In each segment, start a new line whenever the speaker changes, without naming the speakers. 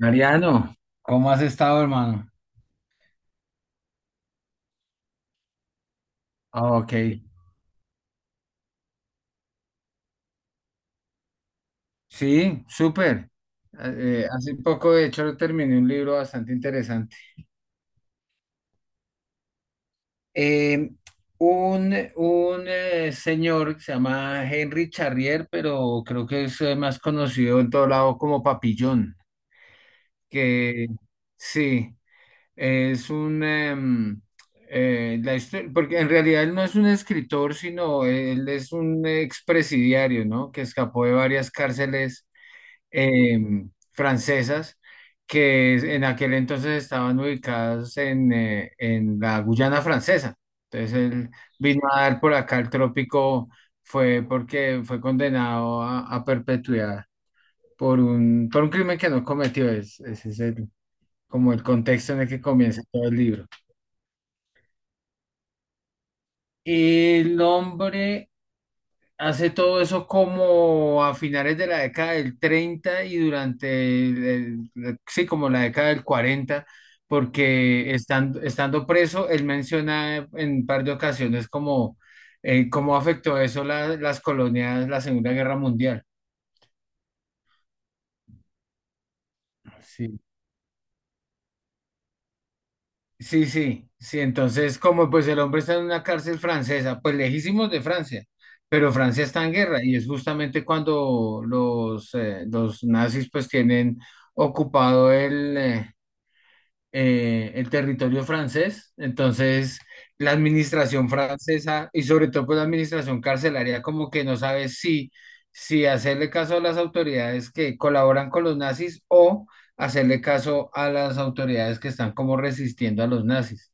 Mariano, ¿cómo has estado, hermano? Ah, ok. Sí, súper. Hace poco, de hecho, terminé un libro bastante interesante. Eh, un señor que se llama Henry Charrier, pero creo que es más conocido en todo lado como Papillón, que sí, es un porque en realidad él no es un escritor, sino él es un expresidiario, ¿no? Que escapó de varias cárceles francesas en aquel entonces estaban ubicadas en la Guyana francesa. Entonces él vino a dar por acá el trópico, fue porque fue condenado a perpetuidad por un crimen que no cometió. Ese es como el contexto en el que comienza todo el libro. El hombre Hace todo eso como a finales de la década del 30 y durante sí, como la década del 40, porque estando preso, él menciona en un par de ocasiones como cómo afectó eso las colonias, la Segunda Guerra Mundial. Sí. Sí, sí, sí. Entonces, como pues el hombre está en una cárcel francesa, pues lejísimos de Francia, pero Francia está en guerra y es justamente cuando los nazis pues tienen ocupado el el territorio francés. Entonces, la administración francesa y sobre todo pues la administración carcelaria como que no sabe si, si hacerle caso a las autoridades que colaboran con los nazis o hacerle caso a las autoridades que están como resistiendo a los nazis.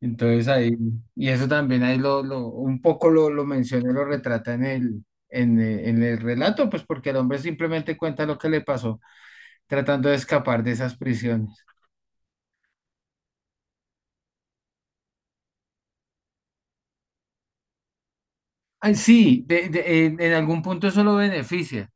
Entonces ahí, y eso también ahí lo un poco lo menciona, y lo retrata en en el relato, pues porque el hombre simplemente cuenta lo que le pasó tratando de escapar de esas prisiones. Ay, sí, en algún punto eso lo beneficia,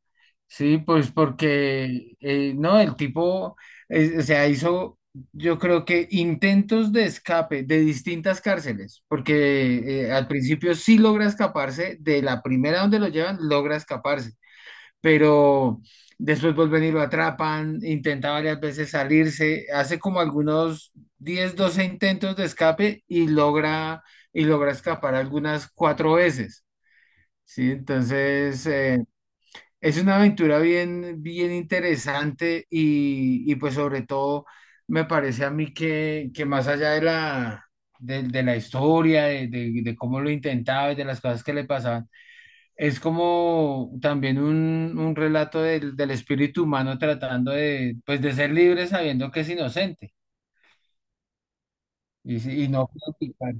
sí, pues porque, no, el tipo, o sea, hizo, yo creo que intentos de escape de distintas cárceles, porque al principio sí logra escaparse, de la primera donde lo llevan, logra escaparse pero después vuelven y lo atrapan, intenta varias veces salirse, hace como algunos 10, 12 intentos de escape y logra escapar algunas 4 veces, ¿sí? Entonces, es una aventura bien, bien interesante y pues sobre todo me parece a mí que más allá de la... de la historia, de cómo lo intentaba y de las cosas que le pasaban, es como también un relato del espíritu humano tratando de, pues, de ser libre sabiendo que es inocente y, y no claudicar.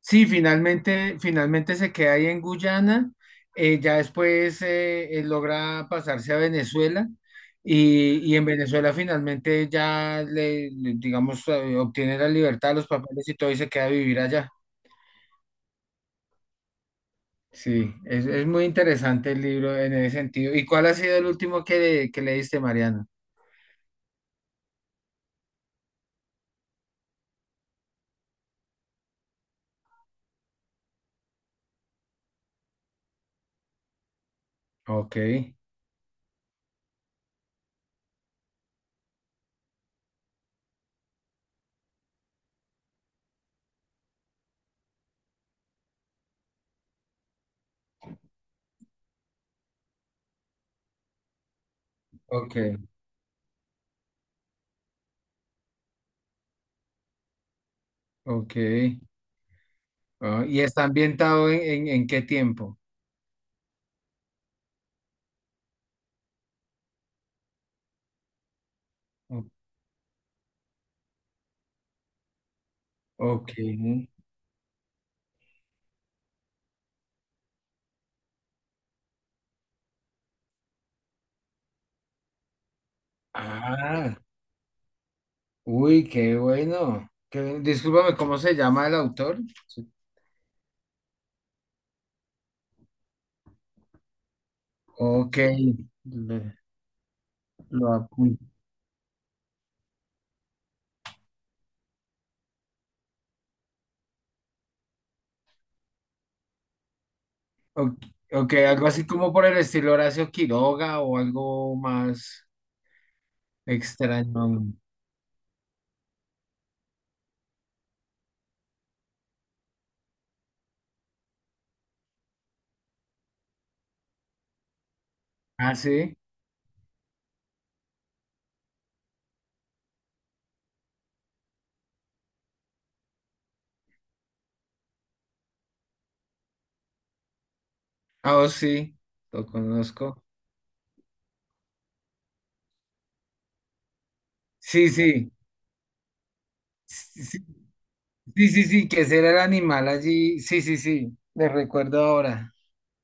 Sí, finalmente se queda ahí en Guyana, ya después él logra pasarse a Venezuela y en Venezuela finalmente ya digamos, obtiene la libertad, los papeles y todo y se queda a vivir allá. Sí, es muy interesante el libro en ese sentido. ¿Y cuál ha sido el último que leíste, Mariana? Ok, ok, ok. Ah, ¿y está ambientado en qué tiempo? O- Ok. Ah, uy, qué bueno. Qué bien. Discúlpame, ¿cómo se llama el autor? Sí. Ok, le- lo apunto. Ok, ok, algo así como por el estilo Horacio Quiroga o algo más extraño. Ah, sí. Ah, oh, sí, lo conozco. Sí, sí. Sí, sí, sí, sí, que ese era el animal allí. Sí, sí, sí, le recuerdo ahora.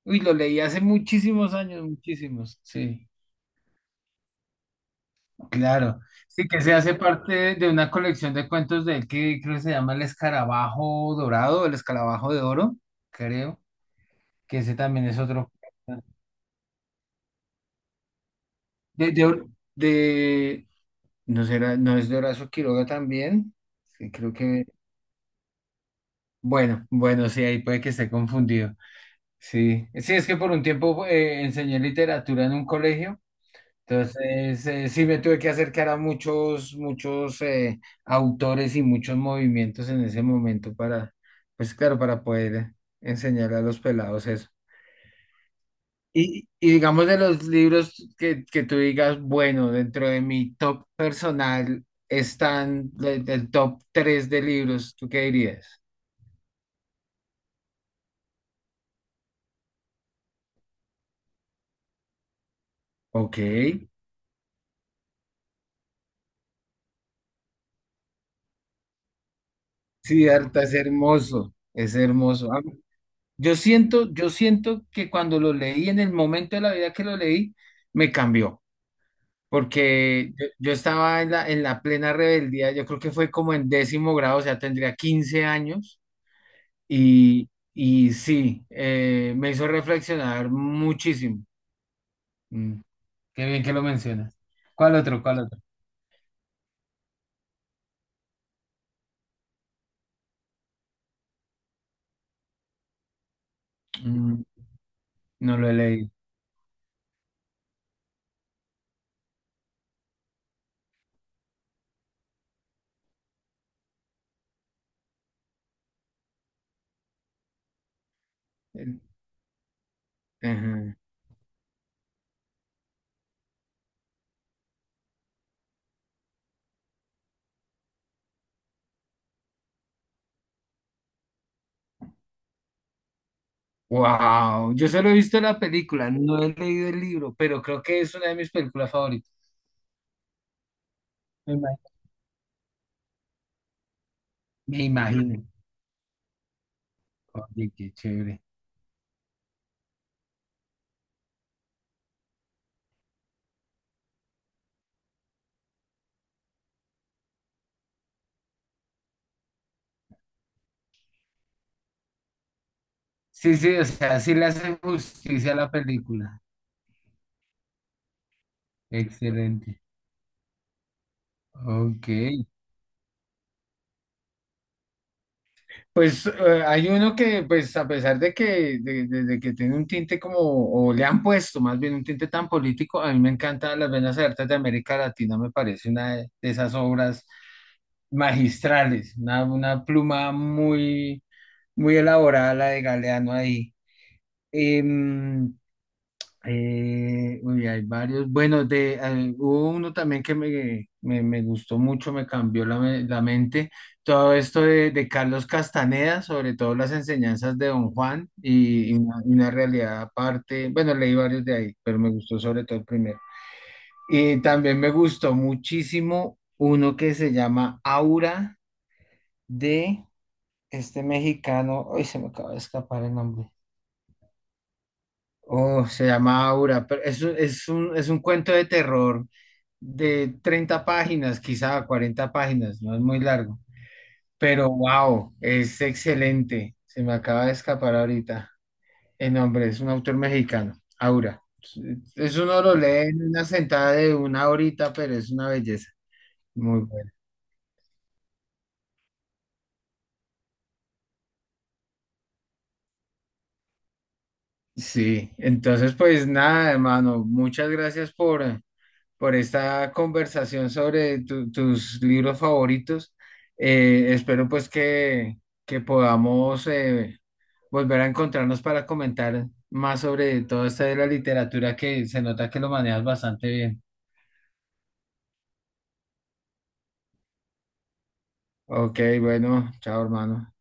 Uy, lo leí hace muchísimos años, muchísimos. Sí, claro. Sí, que se hace parte de una colección de cuentos de él que creo que se llama El Escarabajo Dorado, El Escarabajo de Oro, creo, que ese también es otro. De, de, Hor- de- no será, no es de Horacio Quiroga también. Sí, creo que, bueno, bueno, sí, ahí puede que esté confundido. Sí, sí, es que por un tiempo enseñé literatura en un colegio. Entonces, sí me tuve que acercar a muchos autores y muchos movimientos en ese momento para, pues claro, para poder enseñar a los pelados eso. Y digamos de los libros que tú digas, bueno, dentro de mi top personal están el top 3 de libros, ¿tú qué dirías? Ok, Siddhartha es hermoso, es hermoso. Yo siento que cuando lo leí, en el momento de la vida que lo leí, me cambió, porque yo estaba en en la plena rebeldía, yo creo que fue como en décimo grado, o sea, tendría 15 años y, y sí, me hizo reflexionar muchísimo. Mm, qué bien que lo mencionas. ¿Cuál otro? ¿Cuál otro? Mm, no lo he leído. Wow, yo solo he visto la película, no he leído el libro, pero creo que es una de mis películas favoritas. Me imagino. Me imagino. Oye, qué chévere. Sí, sí, o sea, sí le hace justicia a la película. Excelente. Ok. Pues hay uno que, pues a pesar de de que tiene un tinte como, o le han puesto más bien un tinte tan político, a mí me encanta Las Venas Abiertas de América Latina, me parece una de esas obras magistrales, una pluma muy, muy elaborada la de Galeano ahí. Em, uy, hay varios. Bueno, de, hubo uno también que me gustó mucho, me cambió la mente. Todo esto de Carlos Castaneda, sobre todo las enseñanzas de Don Juan y una realidad aparte. Bueno, leí varios de ahí, pero me gustó sobre todo el primero. Y también me gustó muchísimo uno que se llama Aura de este mexicano. Ay, se me acaba de escapar el nombre. Oh, se llama Aura, pero es, es un cuento de terror de 30 páginas, quizá 40 páginas, no es muy largo, pero wow, es excelente. Se me acaba de escapar ahorita el nombre, es un autor mexicano, Aura. Eso uno lo lee en una sentada de una horita, pero es una belleza. Muy bueno. Sí, entonces pues nada, hermano, muchas gracias por esta conversación sobre tus libros favoritos. Espero pues que podamos... volver a encontrarnos para comentar más sobre todo esto de la literatura que se nota que lo manejas bastante bien. Ok, bueno, chao hermano.